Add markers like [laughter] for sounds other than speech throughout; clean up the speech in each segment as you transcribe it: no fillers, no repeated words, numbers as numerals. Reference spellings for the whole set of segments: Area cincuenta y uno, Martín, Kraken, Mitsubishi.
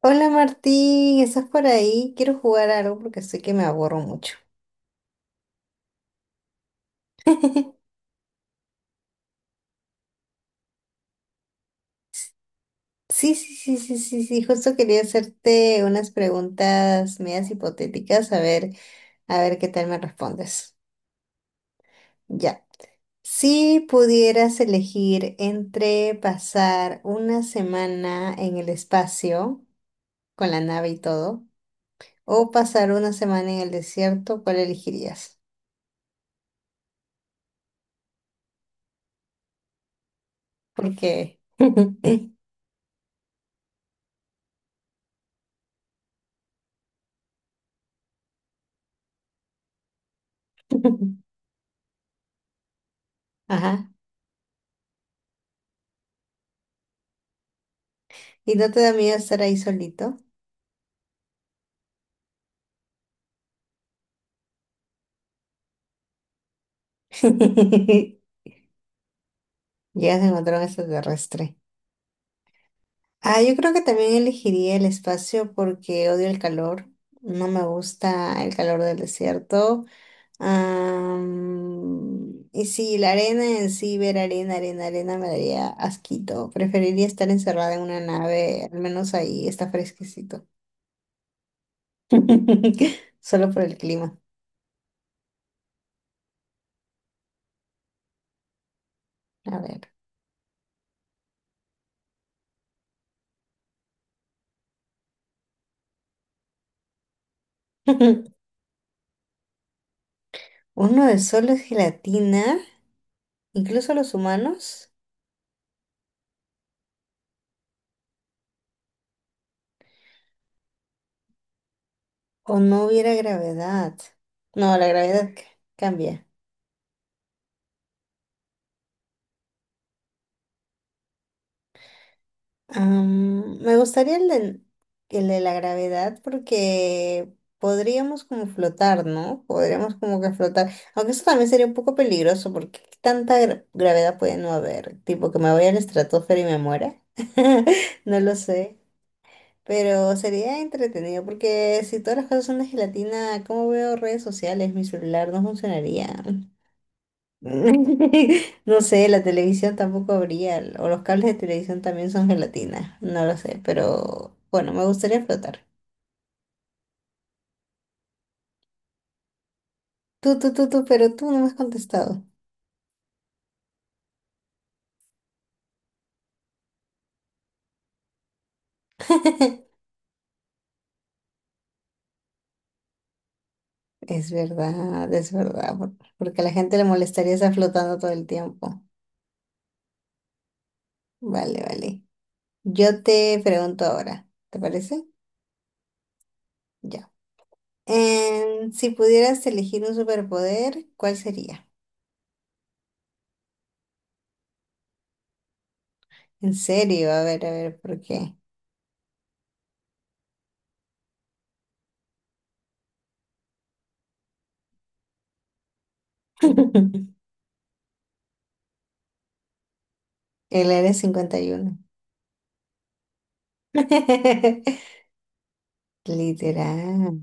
Hola Martín, ¿estás por ahí? Quiero jugar algo porque sé que me aburro mucho. [laughs] Sí, sí, sí, sí, sí, sí, justo quería hacerte unas preguntas medias hipotéticas, a ver qué tal me respondes. Ya. Si pudieras elegir entre pasar una semana en el espacio, con la nave y todo, o pasar una semana en el desierto, ¿cuál elegirías? Porque... [laughs] Ajá. ¿Y no te da miedo estar ahí solito? [laughs] Ya se encontró un extraterrestre. Ah, yo creo que también elegiría el espacio porque odio el calor. No me gusta el calor del desierto. Y sí, la arena en sí, ver arena, arena, arena me daría asquito. Preferiría estar encerrada en una nave, al menos ahí está fresquecito. [laughs] Solo por el clima. A ver. [laughs] ¿Uno de sol es gelatina? ¿Incluso los humanos? O no hubiera gravedad. No, la gravedad cambia. Me gustaría el de la gravedad porque podríamos como flotar, ¿no? Podríamos como que flotar. Aunque eso también sería un poco peligroso porque ¿qué tanta gravedad puede no haber? Tipo que me voy a la estratosfera y me muera. [laughs] No lo sé. Pero sería entretenido porque si todas las cosas son de gelatina, ¿cómo veo redes sociales? Mi celular no funcionaría. [laughs] No sé, la televisión tampoco habría, o los cables de televisión también son gelatina, no lo sé, pero bueno, me gustaría flotar. Pero tú no me has contestado. [laughs] Es verdad, porque a la gente le molestaría estar flotando todo el tiempo. Vale, vale. Yo te pregunto ahora, ¿te parece? Ya. Si pudieras elegir un superpoder, ¿cuál sería? En serio, a ver, ¿por qué? [laughs] El área 51. [laughs] Literal.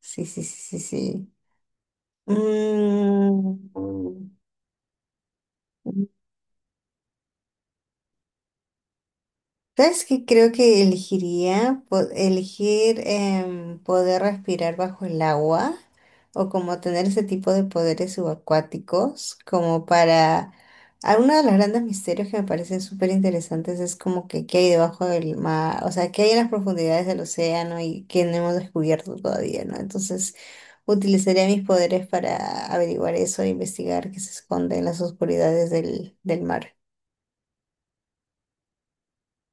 Sí, sí, sí, sí, sí. Mm, mm. ¿Sabes qué? Creo que elegiría elegir poder respirar bajo el agua o como tener ese tipo de poderes subacuáticos, como para... Uno de los grandes misterios que me parecen súper interesantes es como que qué hay debajo del mar, o sea, qué hay en las profundidades del océano y que no hemos descubierto todavía, ¿no? Entonces... Utilizaría mis poderes para averiguar eso e investigar qué se esconde en las oscuridades del mar.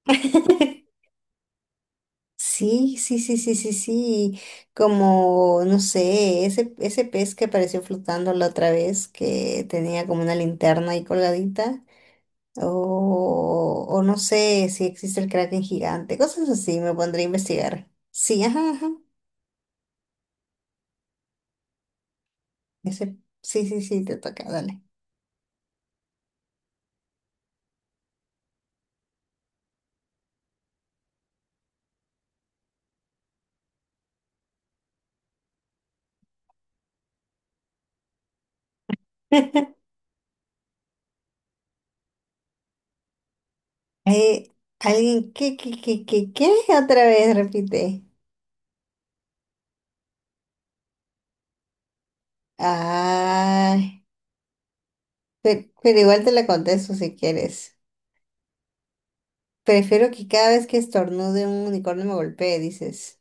[laughs] Sí, sí, sí, sí, sí, sí. Como, no sé, ese pez que apareció flotando la otra vez, que tenía como una linterna ahí colgadita. O no sé si existe el Kraken gigante. Cosas así, me pondría a investigar. Sí, ajá, ajá. Ese, sí, sí, sí, te toca, dale. [laughs] Eh, ¿Alguien qué, qué, qué, qué, qué? Otra vez repite. Ay, pero igual te la contesto si quieres. Prefiero que cada vez que estornude un unicornio me golpee, dices.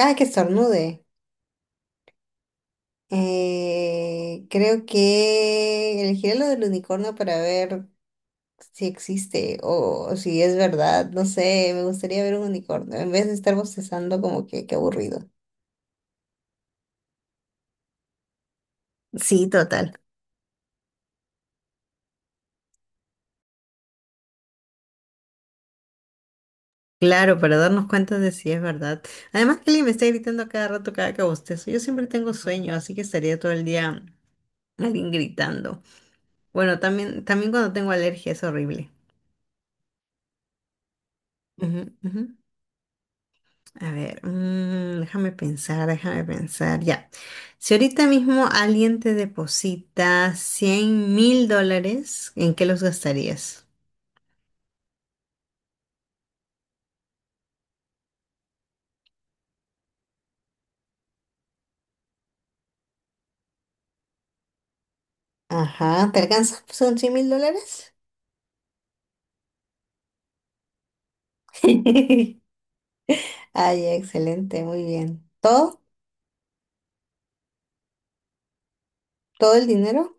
Cada que estornude. Creo que elegiré lo del unicornio para ver si existe o si es verdad. No sé, me gustaría ver un unicornio en vez de estar bostezando como que qué aburrido. Sí, total. Claro, para darnos cuenta de si es verdad. Además que alguien me está gritando a cada rato, cada que bostezo. Yo siempre tengo sueño, así que estaría todo el día alguien gritando. Bueno, también cuando tengo alergia es horrible. Ujú, ujú. A ver, déjame pensar, déjame pensar. Ya. Si ahorita mismo alguien te deposita $100,000, ¿en qué los gastarías? Ajá, ¿te alcanzas? ¿Son $100,000? [laughs] Ay, excelente, muy bien. ¿Todo? ¿Todo el dinero?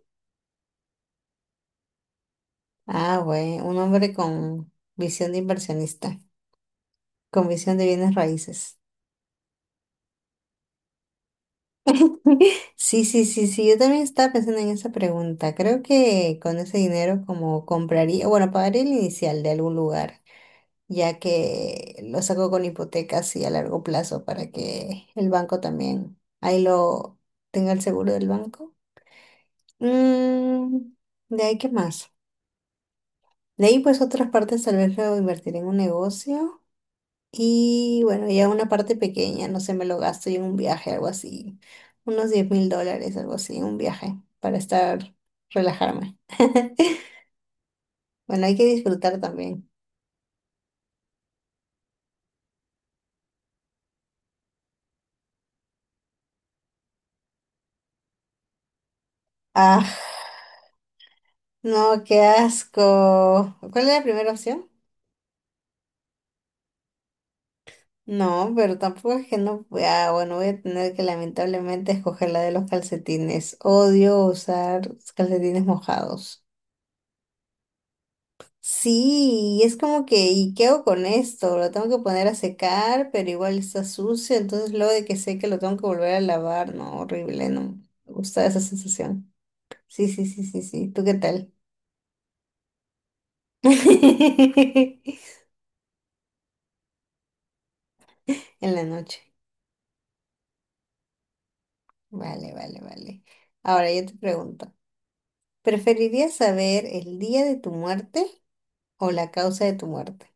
Ah, güey, un hombre con visión de inversionista, con visión de bienes raíces. [laughs] Sí, sí, sí, sí, yo también estaba pensando en esa pregunta. Creo que con ese dinero como compraría, bueno, pagaría el inicial de algún lugar, ya que lo saco con hipotecas y a largo plazo para que el banco también ahí lo tenga el seguro del banco. Mm, de ahí, ¿qué más? De ahí, pues otras partes tal vez lo invertiré en un negocio. Y bueno, ya una parte pequeña, no sé, me lo gasto yo en un viaje, algo así. Unos $10,000, algo así, un viaje, para estar, relajarme. [laughs] Bueno, hay que disfrutar también. Ah, no, qué asco. ¿Cuál es la primera opción? No, pero tampoco es que no. Ah, bueno, voy a tener que lamentablemente escoger la de los calcetines. Odio usar calcetines mojados. Sí, y es como que, ¿y qué hago con esto? Lo tengo que poner a secar, pero igual está sucio, entonces luego de que seque lo tengo que volver a lavar, no, horrible, no. Me gusta esa sensación. Sí, sí, sí, sí, sí. ¿Tú qué tal? [laughs] En la noche. Vale, vale, vale. Ahora yo te pregunto, ¿preferirías saber el día de tu muerte o la causa de tu muerte?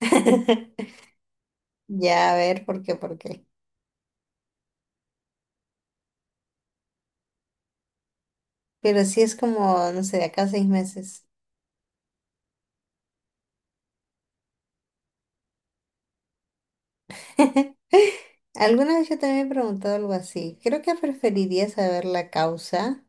[laughs] Ya, a ver, ¿por qué? ¿Por qué? Pero si es como, no sé, de acá a 6 meses. [laughs] Alguna vez yo también me he preguntado algo así. Creo que preferiría saber la causa,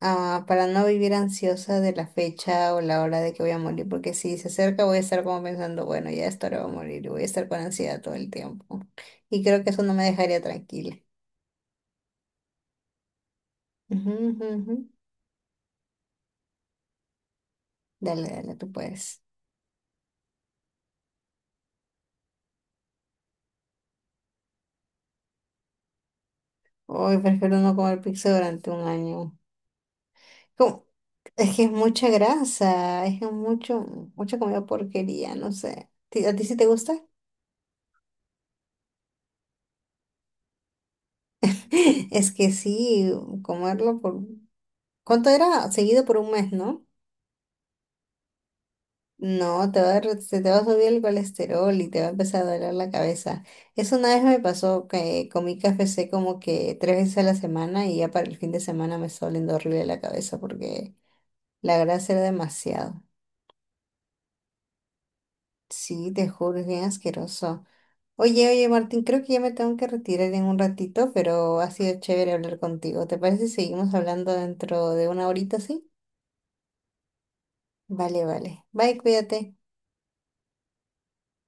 para no vivir ansiosa de la fecha o la hora de que voy a morir, porque si se acerca voy a estar como pensando, bueno, ya esta hora voy a morir y voy a estar con ansiedad todo el tiempo. Y creo que eso no me dejaría tranquila. Ujú, ujú, ujú. Dale, dale, tú puedes. Hoy prefiero no comer pizza durante un año. Como Es que es mucha grasa, mucha comida porquería, no sé. ¿A ti sí te gusta? [laughs] Es que sí, comerlo por... ¿Cuánto era? Seguido por un mes, ¿no? No, te va a, dar- se te va a subir el colesterol y te va a empezar a doler la cabeza. Eso una vez me pasó que comí KFC como que tres veces a la semana y ya para el fin de semana me estaba doliendo horrible la cabeza porque la grasa era demasiado. Sí, te juro, es bien asqueroso. Oye, oye, Martín, creo que ya me tengo que retirar en un ratito, pero ha sido chévere hablar contigo. ¿Te parece si seguimos hablando dentro de una horita, sí? Vale, vale. Bye, cuídate.